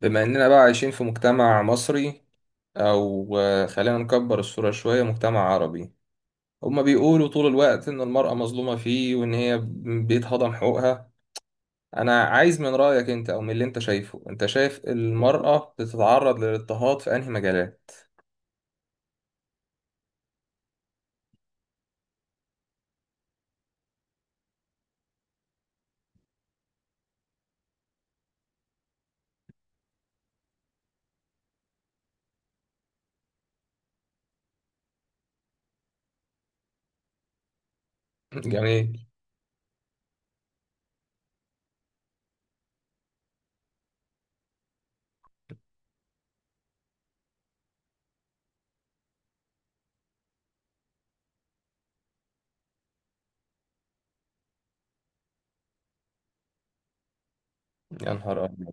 بما إننا بقى عايشين في مجتمع مصري أو خلينا نكبر الصورة شوية مجتمع عربي. هما بيقولوا طول الوقت إن المرأة مظلومة فيه وإن هي بيتهضم حقوقها. أنا عايز من رأيك أنت أو من اللي أنت شايفه، أنت شايف المرأة بتتعرض للاضطهاد في أنهي مجالات؟ جميل. يا نهار أبيض.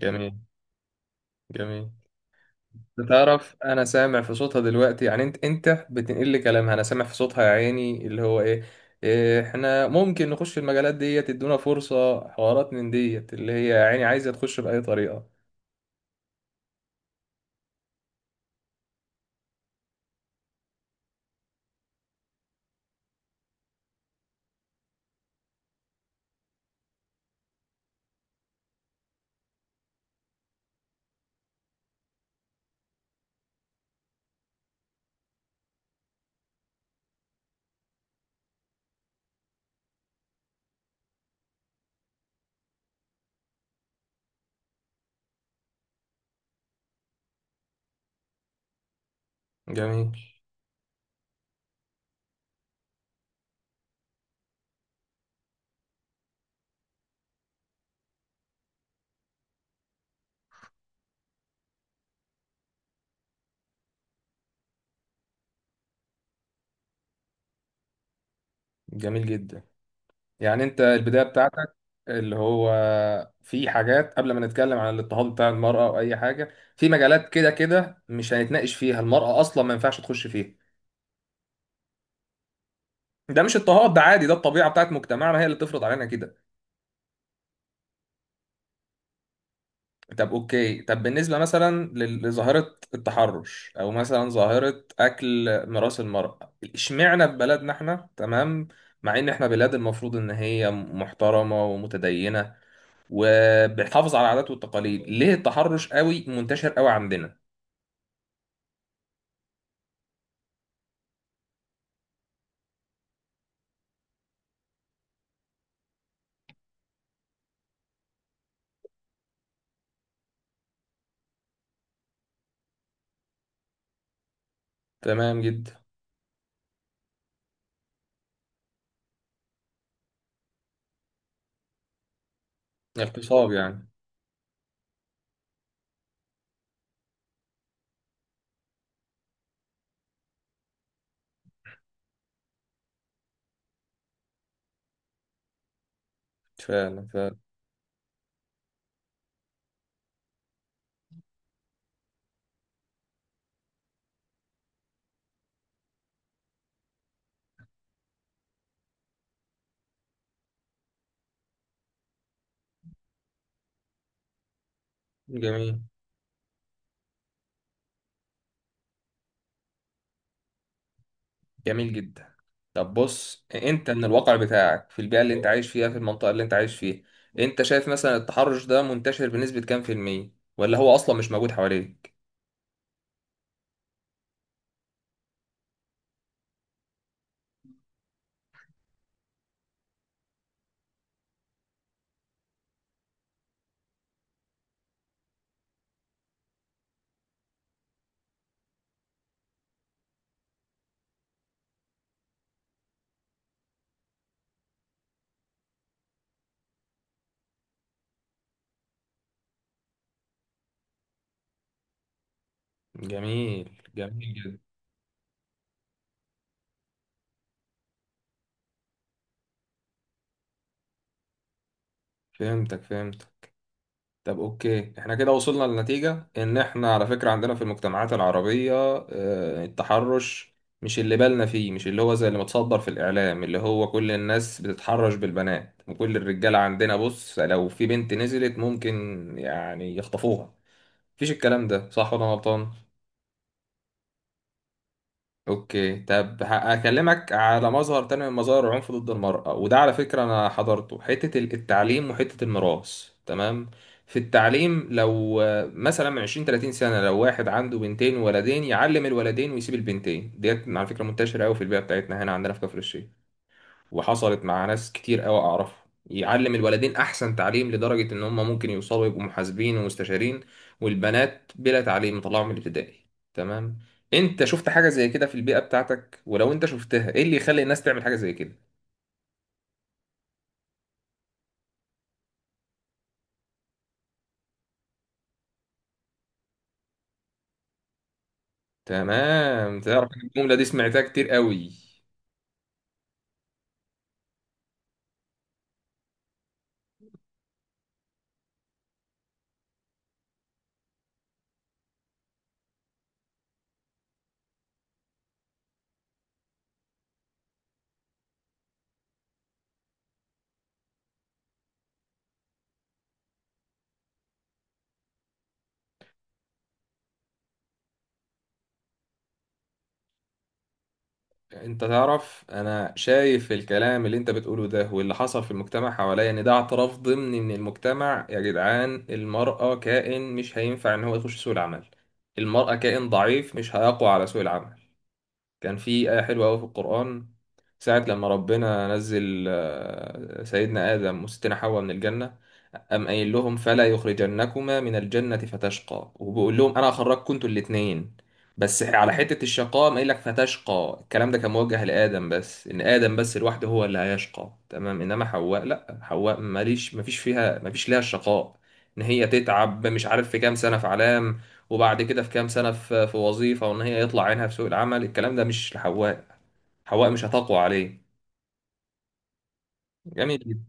جميل. جميل. انت تعرف، انا سامع في صوتها دلوقتي، يعني انت بتنقل لي كلامها، انا سامع في صوتها يا عيني اللي هو ايه. إيه، احنا ممكن نخش في المجالات ديت، تدونا فرصة حوارات من ديت اللي هي يا عيني عايزة تخش بأي طريقة. جميل. جميل جدا. يعني انت البداية بتاعتك اللي هو في حاجات، قبل ما نتكلم عن الاضطهاد بتاع المرأة او اي حاجة، في مجالات كده كده مش هنتناقش فيها المرأة اصلا ما ينفعش تخش فيها. ده مش اضطهاد، ده عادي، ده الطبيعة بتاعت مجتمعنا هي اللي بتفرض علينا كده. طب اوكي، طب بالنسبة مثلا لظاهرة التحرش او مثلا ظاهرة اكل ميراث المرأة، اشمعنى في بلدنا احنا؟ تمام. مع ان احنا بلاد المفروض ان هي محترمة ومتدينة وبنحافظ على العادات والتقاليد، ليه التحرش قوي منتشر قوي عندنا؟ تمام جدا. اغتصاب يعني. فعلا فعلا. جميل. جميل جدا. طب بص، انت من الواقع بتاعك، في البيئة اللي انت عايش فيها، في المنطقة اللي انت عايش فيها، انت شايف مثلا التحرش ده منتشر بنسبة كام في المية؟ ولا هو اصلا مش موجود حواليك؟ جميل. جميل جدا. فهمتك. فهمت. طب اوكي، احنا كده وصلنا لنتيجة ان احنا على فكرة عندنا في المجتمعات العربية التحرش مش اللي بالنا فيه، مش اللي هو زي اللي متصدر في الاعلام، اللي هو كل الناس بتتحرش بالبنات وكل الرجالة عندنا. بص لو في بنت نزلت ممكن يعني يخطفوها. مفيش الكلام ده، صح ولا أنا غلطان؟ اوكي طب هكلمك على مظهر تاني من مظاهر العنف ضد المرأة، وده على فكرة انا حضرته: حتة التعليم وحتة الميراث. تمام. في التعليم لو مثلا من 20 30 سنة، لو واحد عنده بنتين وولدين يعلم الولدين ويسيب البنتين ديت، على فكرة منتشرة قوي في البيئة بتاعتنا هنا عندنا في كفر الشيخ، وحصلت مع ناس كتير قوي اعرفها، يعلم الولدين احسن تعليم لدرجة ان هم ممكن يوصلوا يبقوا محاسبين ومستشارين، والبنات بلا تعليم مطلعهم من الابتدائي. تمام. انت شفت حاجة زي كده في البيئة بتاعتك؟ ولو انت شفتها، ايه اللي يخلي الناس تعمل حاجة زي كده؟ تمام. تعرف إن الجملة دي سمعتها كتير قوي. انت تعرف، انا شايف الكلام اللي انت بتقوله ده واللي حصل في المجتمع حواليا، ان ده اعتراف ضمني من المجتمع يا جدعان، المرأة كائن مش هينفع ان هو يخش سوق العمل. المرأة كائن ضعيف مش هيقوى على سوق العمل. كان في آية حلوة أوي في القرآن، ساعة لما ربنا نزل سيدنا آدم وستنا حواء من الجنة، قام قايل لهم "فلا يخرجنكما من الجنة فتشقى"، وبيقول لهم أنا هخرجكم انتوا الاتنين، بس على حتة الشقاء قام قايل لك "فتشقى". الكلام ده كان موجه لآدم بس، إن آدم بس لوحده هو اللي هيشقى، تمام، إنما حواء لأ، حواء ماليش، مفيش فيها، مفيش ليها الشقاء، إن هي تتعب مش عارف في كام سنة في علام، وبعد كده في كام سنة في وظيفة، وإن هي يطلع عينها في سوق العمل. الكلام ده مش لحواء، حواء مش هتقوى عليه. جميل جدا.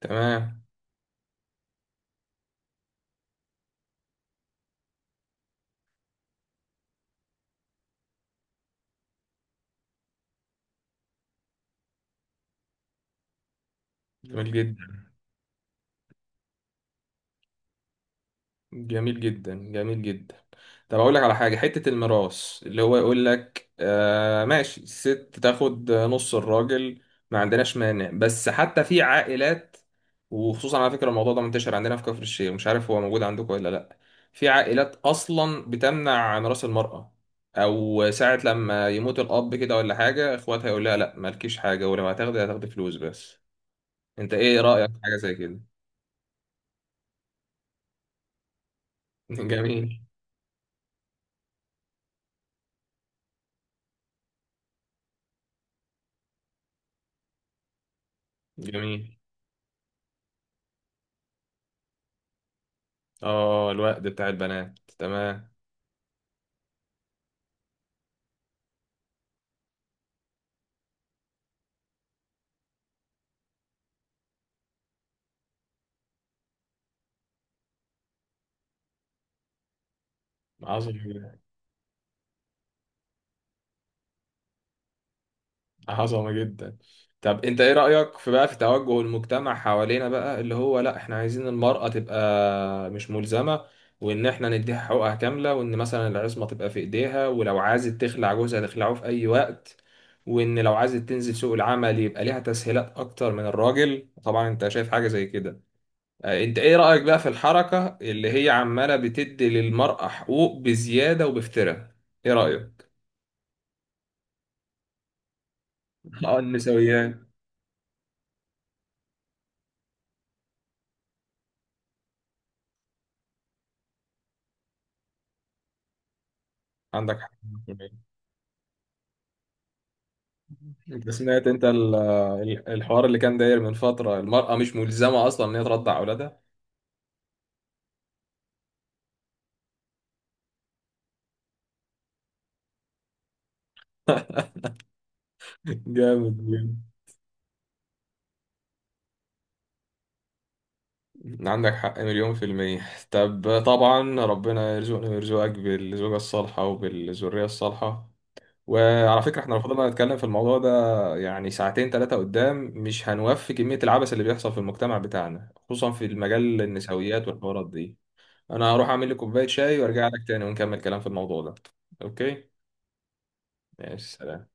تمام. جميل جدا. جميل جدا. جميل جدا. طب اقول لك على حاجه، حته الميراث، اللي هو يقول لك آه ماشي، الست تاخد نص الراجل، ما عندناش مانع، بس حتى في عائلات، وخصوصا على فكره الموضوع ده منتشر عندنا في كفر الشيخ، مش عارف هو موجود عندكم ولا لا. في عائلات اصلا بتمنع ميراث المراه، او ساعه لما يموت الاب كده ولا حاجه، اخواتها يقول لها لا مالكيش حاجه، ولو هتاخدي هتاخدي فلوس بس. انت ايه رايك في حاجه زي كده؟ جميل. جميل. اه، الوقت بتاع البنات. تمام. عظمة جدا. عظمة جدا. طب انت ايه رأيك في بقى في توجه المجتمع حوالينا بقى، اللي هو لا، احنا عايزين المرأة تبقى مش ملزمة، وان احنا نديها حقوقها كاملة، وان مثلا العصمة تبقى في ايديها، ولو عايزة تخلع جوزها تخلعه في اي وقت، وان لو عايزة تنزل سوق العمل يبقى ليها تسهيلات اكتر من الراجل طبعا. انت شايف حاجة زي كده؟ انت ايه رأيك بقى في الحركة اللي هي عمالة بتدي للمرأة حقوق بزيادة وبافتراء؟ ايه رأيك؟ اه، النسويات. عندك حق. انت سمعت، انت الحوار اللي كان داير من فترة، المرأة مش ملزمة اصلا ان هي ترضع اولادها؟ جامد جدا. عندك حق مليون في المية. طب طبعا، ربنا يرزقني ويرزقك بالزوجة الصالحة وبالذرية الصالحة. وعلى فكرة احنا لو فضلنا نتكلم في الموضوع ده يعني ساعتين ثلاثة قدام، مش هنوفي كمية العبث اللي بيحصل في المجتمع بتاعنا، خصوصا في المجال، النسويات والحوارات دي. انا هروح اعمل لي كوباية شاي وارجع لك تاني ونكمل كلام في الموضوع ده. اوكي. ماشي. سلام.